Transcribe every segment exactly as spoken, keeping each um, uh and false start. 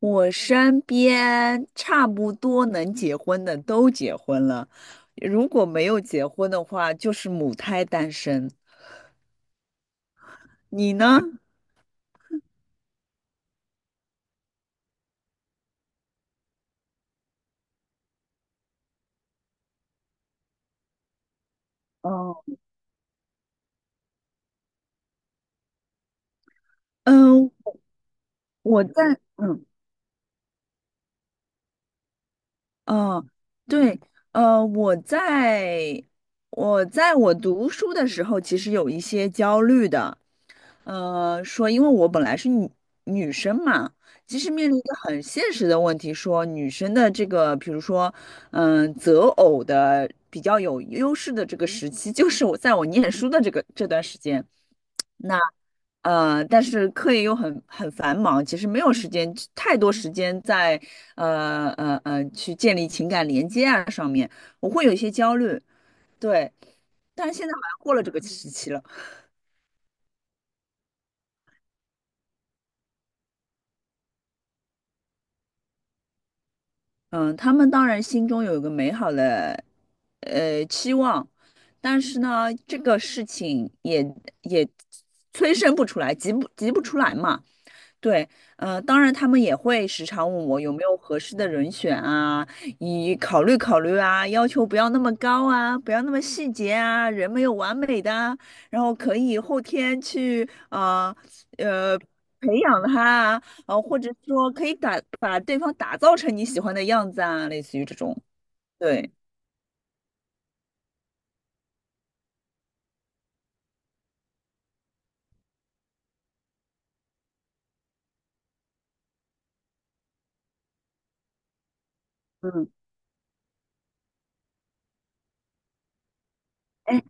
我身边差不多能结婚的都结婚了，如果没有结婚的话，就是母胎单身。你呢？哦，嗯，我在，嗯。哦，对，呃，我在我在我读书的时候，其实有一些焦虑的，呃，说因为我本来是女女生嘛，其实面临一个很现实的问题，说女生的这个，比如说，嗯、择偶的比较有优势的这个时期，就是我在我念书的这个这段时间。那呃，但是课业又很很繁忙，其实没有时间太多时间在呃呃呃去建立情感连接啊上面，我会有一些焦虑。对，但是现在好像过了这个时期了。嗯，他们当然心中有一个美好的呃期望，但是呢，这个事情也也催生不出来，急不急不出来嘛。对，呃，当然他们也会时常问我有没有合适的人选啊，以考虑考虑啊，要求不要那么高啊，不要那么细节啊，人没有完美的啊，然后可以后天去啊呃，呃培养他啊，呃，或者说可以打把对方打造成你喜欢的样子啊，类似于这种。对，嗯，哎，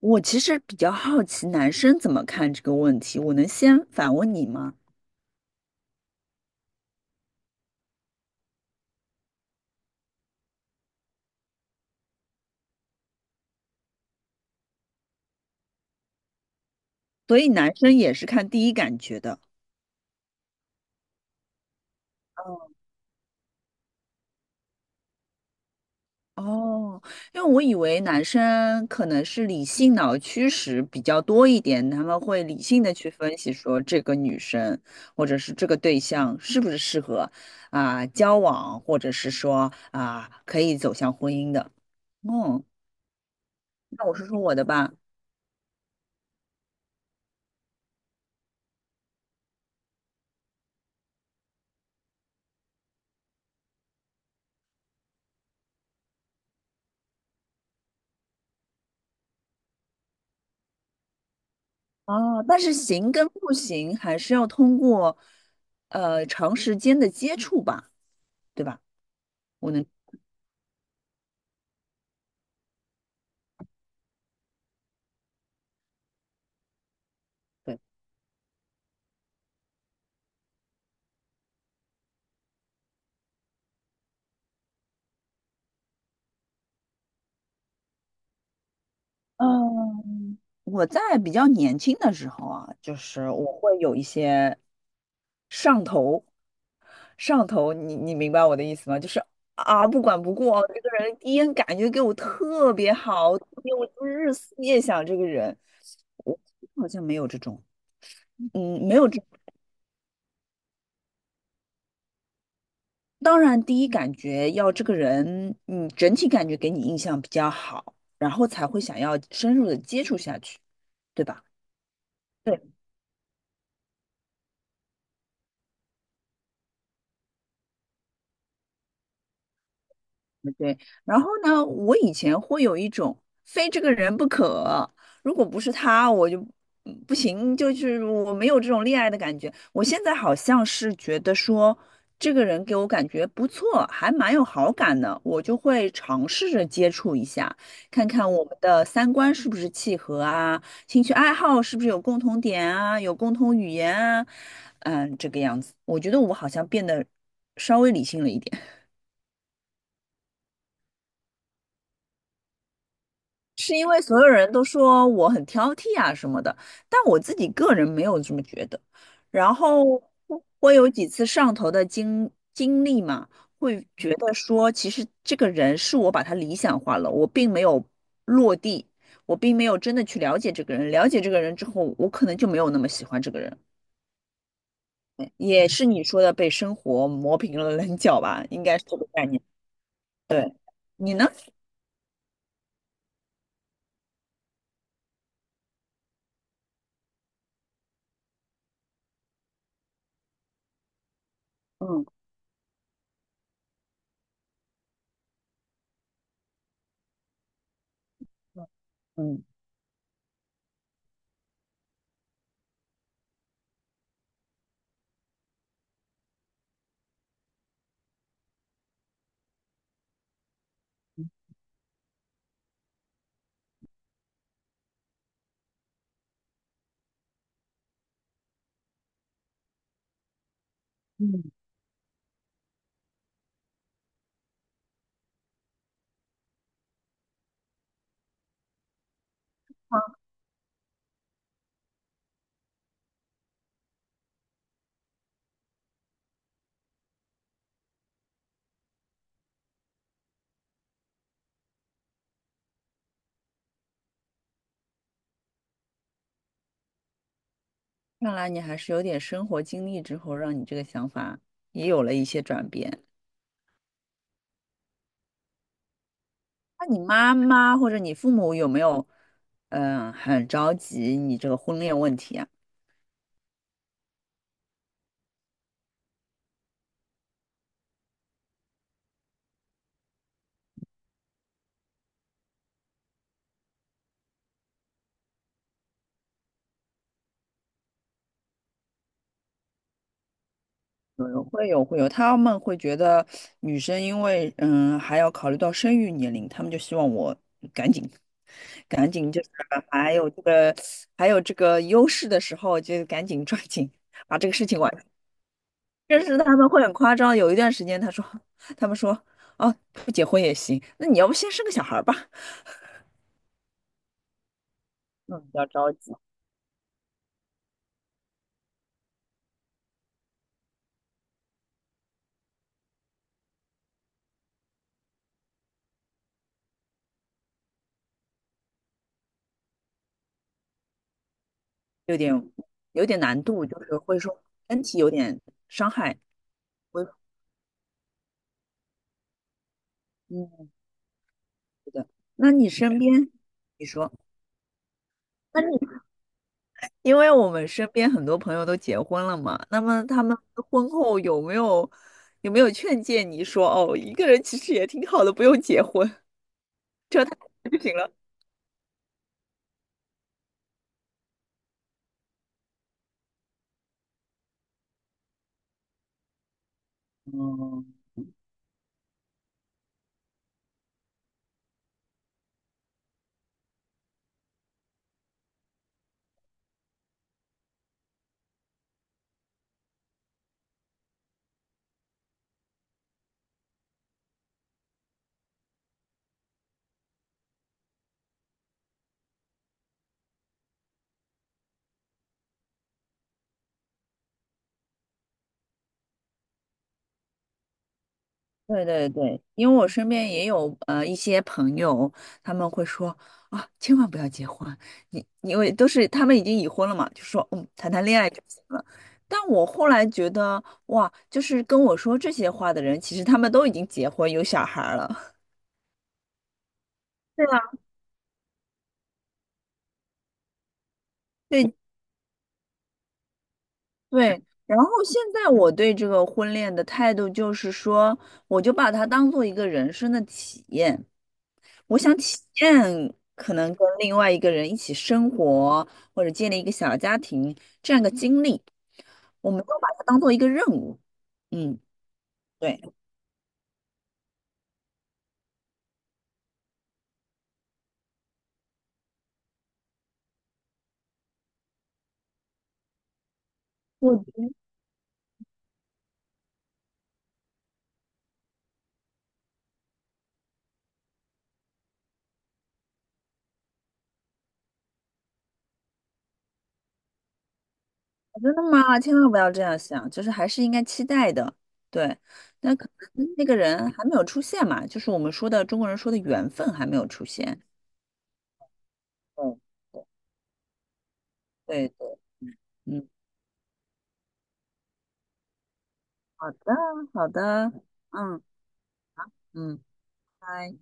我其实比较好奇男生怎么看这个问题，我能先反问你吗？所以男生也是看第一感觉的。哦，因为我以为男生可能是理性脑驱使比较多一点，他们会理性的去分析说这个女生或者是这个对象是不是适合啊、交往，或者是说啊、可以走向婚姻的。嗯，那我说说我的吧。哦，但是行跟不行还是要通过呃长时间的接触吧，对吧？我能。对。嗯，我在比较年轻的时候啊，就是我会有一些上头，上头，你你明白我的意思吗？就是啊，不管不顾，这个人第一眼感觉给我特别好，特别我就是日思夜想这个人。我好像没有这种，嗯，没有这。当然，第一感觉要这个人，嗯，整体感觉给你印象比较好，然后才会想要深入的接触下去，对吧？对。对，然后呢，我以前会有一种非这个人不可，如果不是他，我就嗯不行，就是我没有这种恋爱的感觉。我现在好像是觉得说，这个人给我感觉不错，还蛮有好感的，我就会尝试着接触一下，看看我们的三观是不是契合啊，兴趣爱好是不是有共同点啊，有共同语言啊，嗯，这个样子，我觉得我好像变得稍微理性了一点。是因为所有人都说我很挑剔啊什么的，但我自己个人没有这么觉得。然后我有几次上头的经经历嘛，会觉得说，其实这个人是我把他理想化了，我并没有落地，我并没有真的去了解这个人。了解这个人之后，我可能就没有那么喜欢这个人。也是你说的被生活磨平了棱角吧，应该是这个概念。对，你呢？嗯嗯嗯。看来你还是有点生活经历之后，让你这个想法也有了一些转变。那你妈妈或者你父母有没有，嗯，很着急你这个婚恋问题啊？有有会有会有，他们会觉得女生因为嗯还要考虑到生育年龄，他们就希望我赶紧赶紧就是还有这个还有这个优势的时候，就赶紧抓紧把这个事情完。但是他们会很夸张，有一段时间他说，他们说，哦，不结婚也行，那你要不先生个小孩儿吧？嗯，比较着急，有点有点难度，就是会说身体有点伤害。我嗯，是的。那你身边，你说，那你因为我们身边很多朋友都结婚了嘛，那么他们婚后有没有有没有劝诫你说，哦，一个人其实也挺好的，不用结婚，就他 就行了。对对对，因为我身边也有呃一些朋友，他们会说啊，千万不要结婚，你因为都是他们已经已婚了嘛，就说嗯，谈谈恋爱就行了。但我后来觉得，哇，就是跟我说这些话的人，其实他们都已经结婚有小孩儿了。对啊，对对。然后现在我对这个婚恋的态度就是说，我就把它当做一个人生的体验。我想体验可能跟另外一个人一起生活，或者建立一个小家庭这样一个经历，我们都把它当做一个任务。嗯，对，我真的吗？千万不要这样想，就是还是应该期待的。对，那可能那个人还没有出现嘛，就是我们说的中国人说的缘分还没有出现。对对对，对嗯，好的好的，嗯嗯。拜